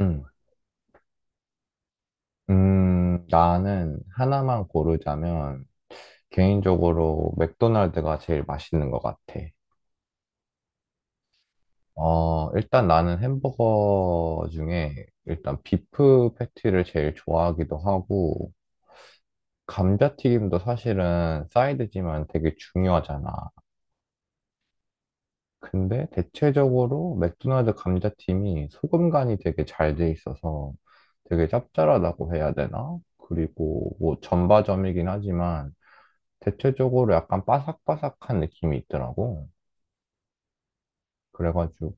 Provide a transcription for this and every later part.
음, 나는 하나만 고르자면 개인적으로 맥도날드가 제일 맛있는 것 같아. 일단 나는 햄버거 중에 일단 비프 패티를 제일 좋아하기도 하고 감자튀김도 사실은 사이드지만 되게 중요하잖아. 근데 대체적으로 맥도날드 감자튀김이 소금 간이 되게 잘 돼 있어서 되게 짭짤하다고 해야 되나? 그리고 뭐 전바점이긴 하지만 대체적으로 약간 바삭바삭한 느낌이 있더라고. 그래가지고,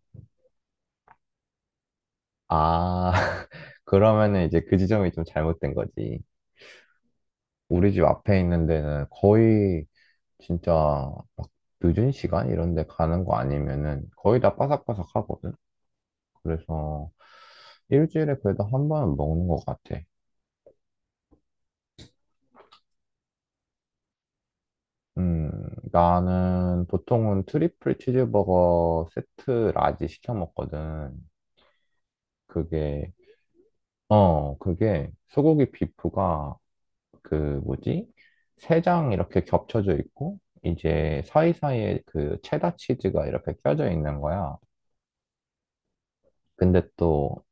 아, 그러면은 이제 그 지점이 좀 잘못된 거지. 우리 집 앞에 있는 데는 거의 진짜 막 늦은 시간 이런 데 가는 거 아니면은 거의 다 바삭바삭하거든. 그래서 일주일에 그래도 한 번은 먹는 것 같아. 음, 나는 보통은 트리플 치즈버거 세트 라지 시켜 먹거든. 그게, 그게 소고기 비프가 그 뭐지? 세 장 이렇게 겹쳐져 있고 이제 사이사이에 그 체다 치즈가 이렇게 껴져 있는 거야. 근데 또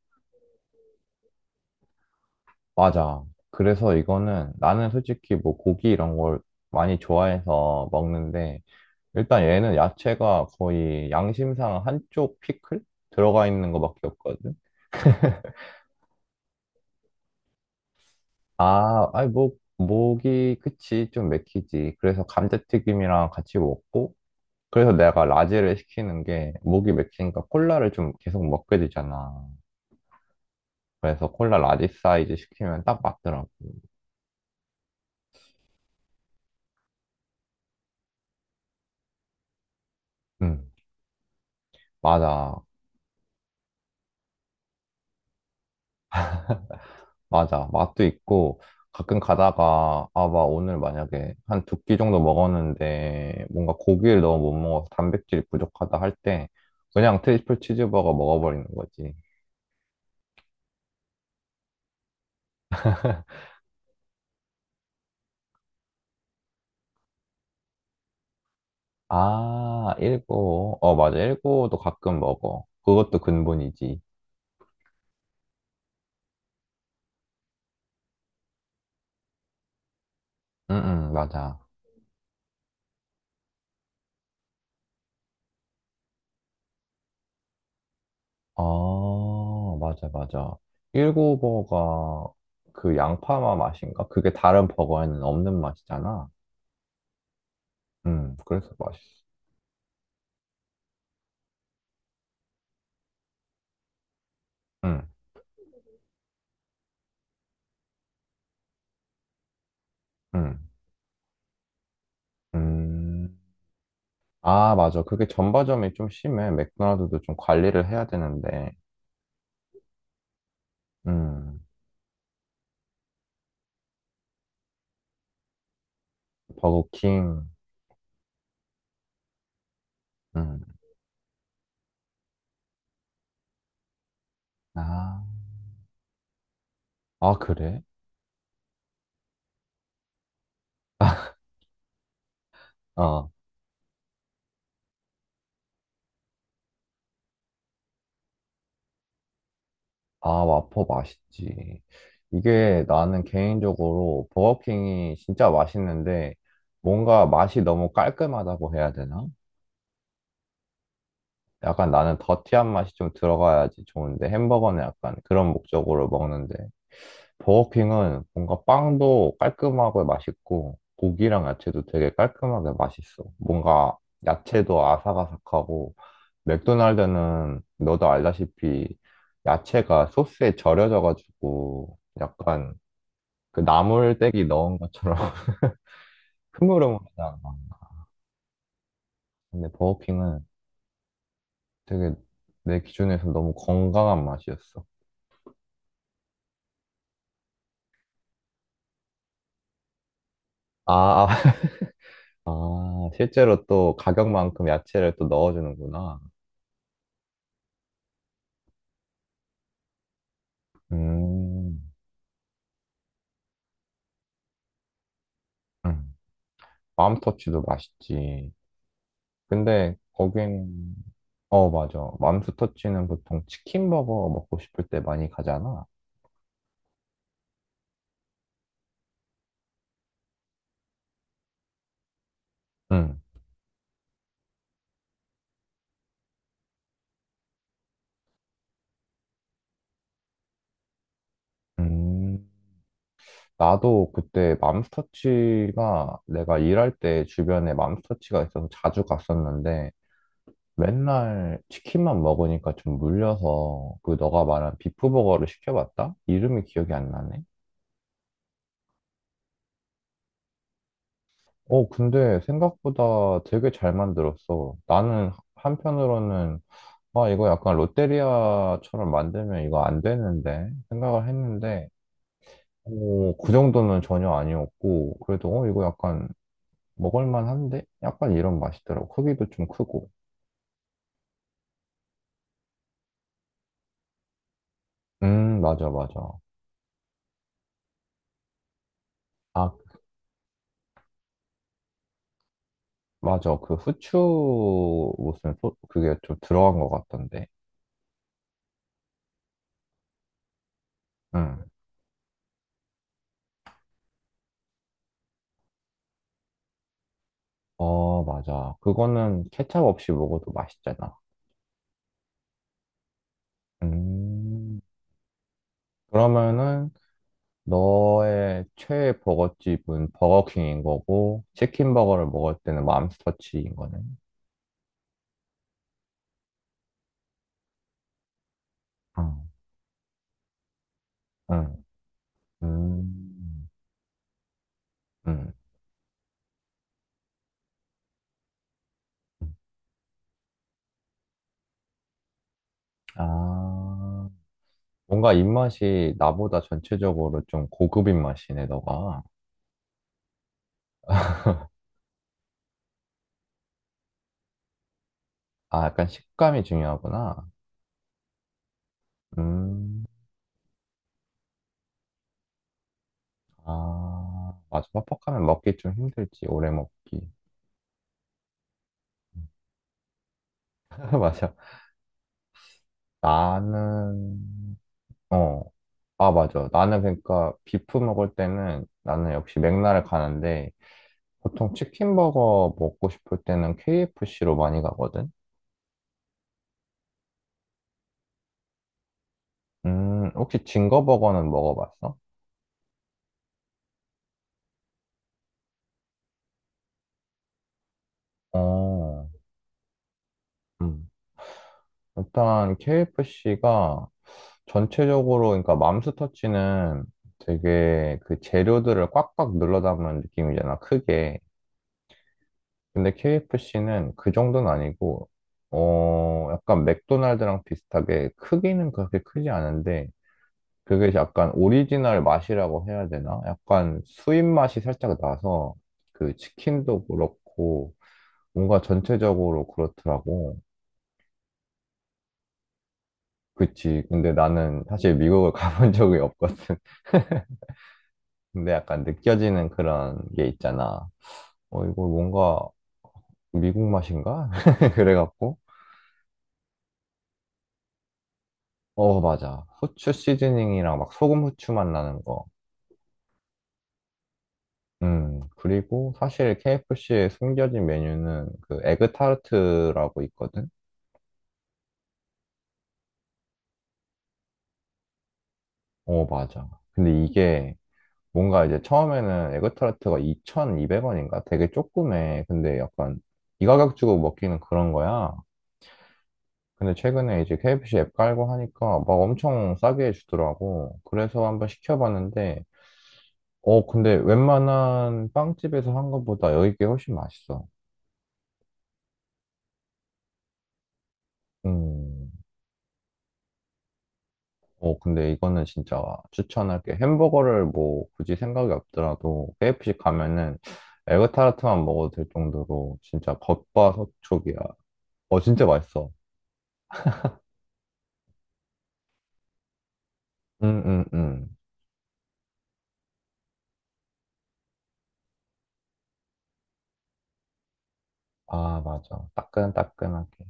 맞아. 그래서 이거는 나는 솔직히 뭐 고기 이런 걸 많이 좋아해서 먹는데 일단 얘는 야채가 거의 양심상 한쪽 피클 들어가 있는 거밖에 없거든. 아, 아니 뭐 목이 그치 좀 맥히지. 그래서 감자튀김이랑 같이 먹고 그래서 내가 라지를 시키는 게 목이 맥히니까 콜라를 좀 계속 먹게 되잖아. 그래서 콜라 라지 사이즈 시키면 딱 맞더라고. 음, 맞아. 맞아. 맛도 있고 가끔 가다가 아, 막 오늘 만약에 한 두 끼 정도 먹었는데 뭔가 고기를 너무 못 먹어서 단백질이 부족하다 할 때 그냥 트리플 치즈버거 먹어버리는 거지. 아, 일고. 어, 맞아. 일고도 가끔 먹어. 그것도 근본이지. 응, 응, 맞아. 아, 맞아, 맞아. 19버가 그 양파맛 맛인가? 그게 다른 버거에는 없는 맛이잖아. 그래서 맛있어. 음, 음, 음. 아, 맞아. 그게 전바점이 좀 심해. 맥도날드도 좀 관리를 해야 되는데. 음, 버거킹. 음, 아, 아, 그래? 어. 아, 와퍼 맛있지. 이게 나는 개인적으로 버거킹이 진짜 맛있는데 뭔가 맛이 너무 깔끔하다고 해야 되나? 약간 나는 더티한 맛이 좀 들어가야지 좋은데 햄버거는 약간 그런 목적으로 먹는데 버거킹은 뭔가 빵도 깔끔하고 맛있고 고기랑 야채도 되게 깔끔하게 맛있어. 뭔가 야채도 아삭아삭하고 맥도날드는 너도 알다시피 야채가 소스에 절여져가지고 약간 그 나물떼기 넣은 것처럼 흐물흐물하잖아. 근데 버거킹은 되게 내 기준에서 너무 건강한 맛이었어. 아, 아, 아, 실제로 또 가격만큼 야채를 또 넣어주는구나. 음, 음. 맘스터치도 맛있지. 근데 거긴, 어, 맞아. 맘스터치는 보통 치킨버거 먹고 싶을 때 많이 가잖아. 응, 음. 나도 그때 맘스터치가 내가 일할 때 주변에 맘스터치가 있어서 자주 갔었는데 맨날 치킨만 먹으니까 좀 물려서 그 너가 말한 비프버거를 시켜봤다? 이름이 기억이 안 나네. 어, 근데 생각보다 되게 잘 만들었어. 나는 한편으로는, 아, 이거 약간 롯데리아처럼 만들면 이거 안 되는데 생각을 했는데, 그 정도는 전혀 아니었고, 그래도, 이거 약간 먹을만한데? 약간 이런 맛이더라고. 크기도 좀 크고. 맞아, 맞아. 아, 맞아. 그 후추, 무슨, 소, 그게 좀 들어간 것 같던데. 응. 어, 맞아. 그거는 케찹 없이 먹어도 맛있잖아. 음. 그러면은 너의 최애 버거집은 버거킹인 거고, 치킨버거를 먹을 때는 맘스터치인 거네. 어, 응, 음, 음. 아, 뭔가 입맛이 나보다 전체적으로 좀 고급인 맛이네, 너가. 아, 약간 식감이 중요하구나. 음, 아, 맞아. 퍽퍽하면 먹기 좀 힘들지, 오래 먹기. 맞아. 나는, 어. 아, 맞아. 나는 그러니까 비프 먹을 때는 나는 역시 맥락을 가는데 보통 치킨버거 먹고 싶을 때는 KFC로 많이 가거든. 혹시 징거버거는 먹어봤어? 어. 음. 일단 KFC가 전체적으로 그러니까 맘스터치는 되게 그 재료들을 꽉꽉 눌러 담은 느낌이잖아, 크게. 근데 KFC는 그 정도는 아니고 약간 맥도날드랑 비슷하게 크기는 그렇게 크지 않은데 그게 약간 오리지널 맛이라고 해야 되나? 약간 수입 맛이 살짝 나서 그 치킨도 그렇고 뭔가 전체적으로 그렇더라고. 그치. 근데 나는 사실 미국을 가본 적이 없거든. 근데 약간 느껴지는 그런 게 있잖아. 이거 뭔가 미국 맛인가? 그래갖고. 어, 맞아. 후추 시즈닝이랑 막 소금 후추 맛 나는 거. 그리고 사실 KFC의 숨겨진 메뉴는 그 에그 타르트라고 있거든? 어, 맞아. 근데 이게 뭔가 이제 처음에는 에그타르트가 2,200원인가? 되게 조그매. 근데 약간 이 가격 주고 먹기는 그런 거야. 근데 최근에 이제 KFC 앱 깔고 하니까 막 엄청 싸게 해주더라고. 그래서 한번 시켜봤는데, 근데 웬만한 빵집에서 한 것보다 여기 게 훨씬 맛있어. 음. 근데 이거는 진짜 추천할게. 햄버거를 뭐 굳이 생각이 없더라도 KFC 가면은 에그타르트만 먹어도 될 정도로 진짜 겉바속촉이야. 진짜 맛있어. 응, 응, 응. 아, 맞아. 따끈따끈하게.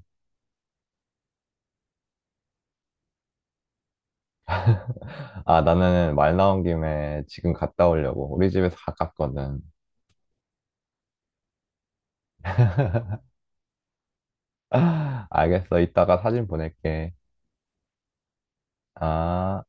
아, 나는 말 나온 김에 지금 갔다 오려고. 우리 집에서 가깝거든. 알겠어. 이따가 사진 보낼게. 아.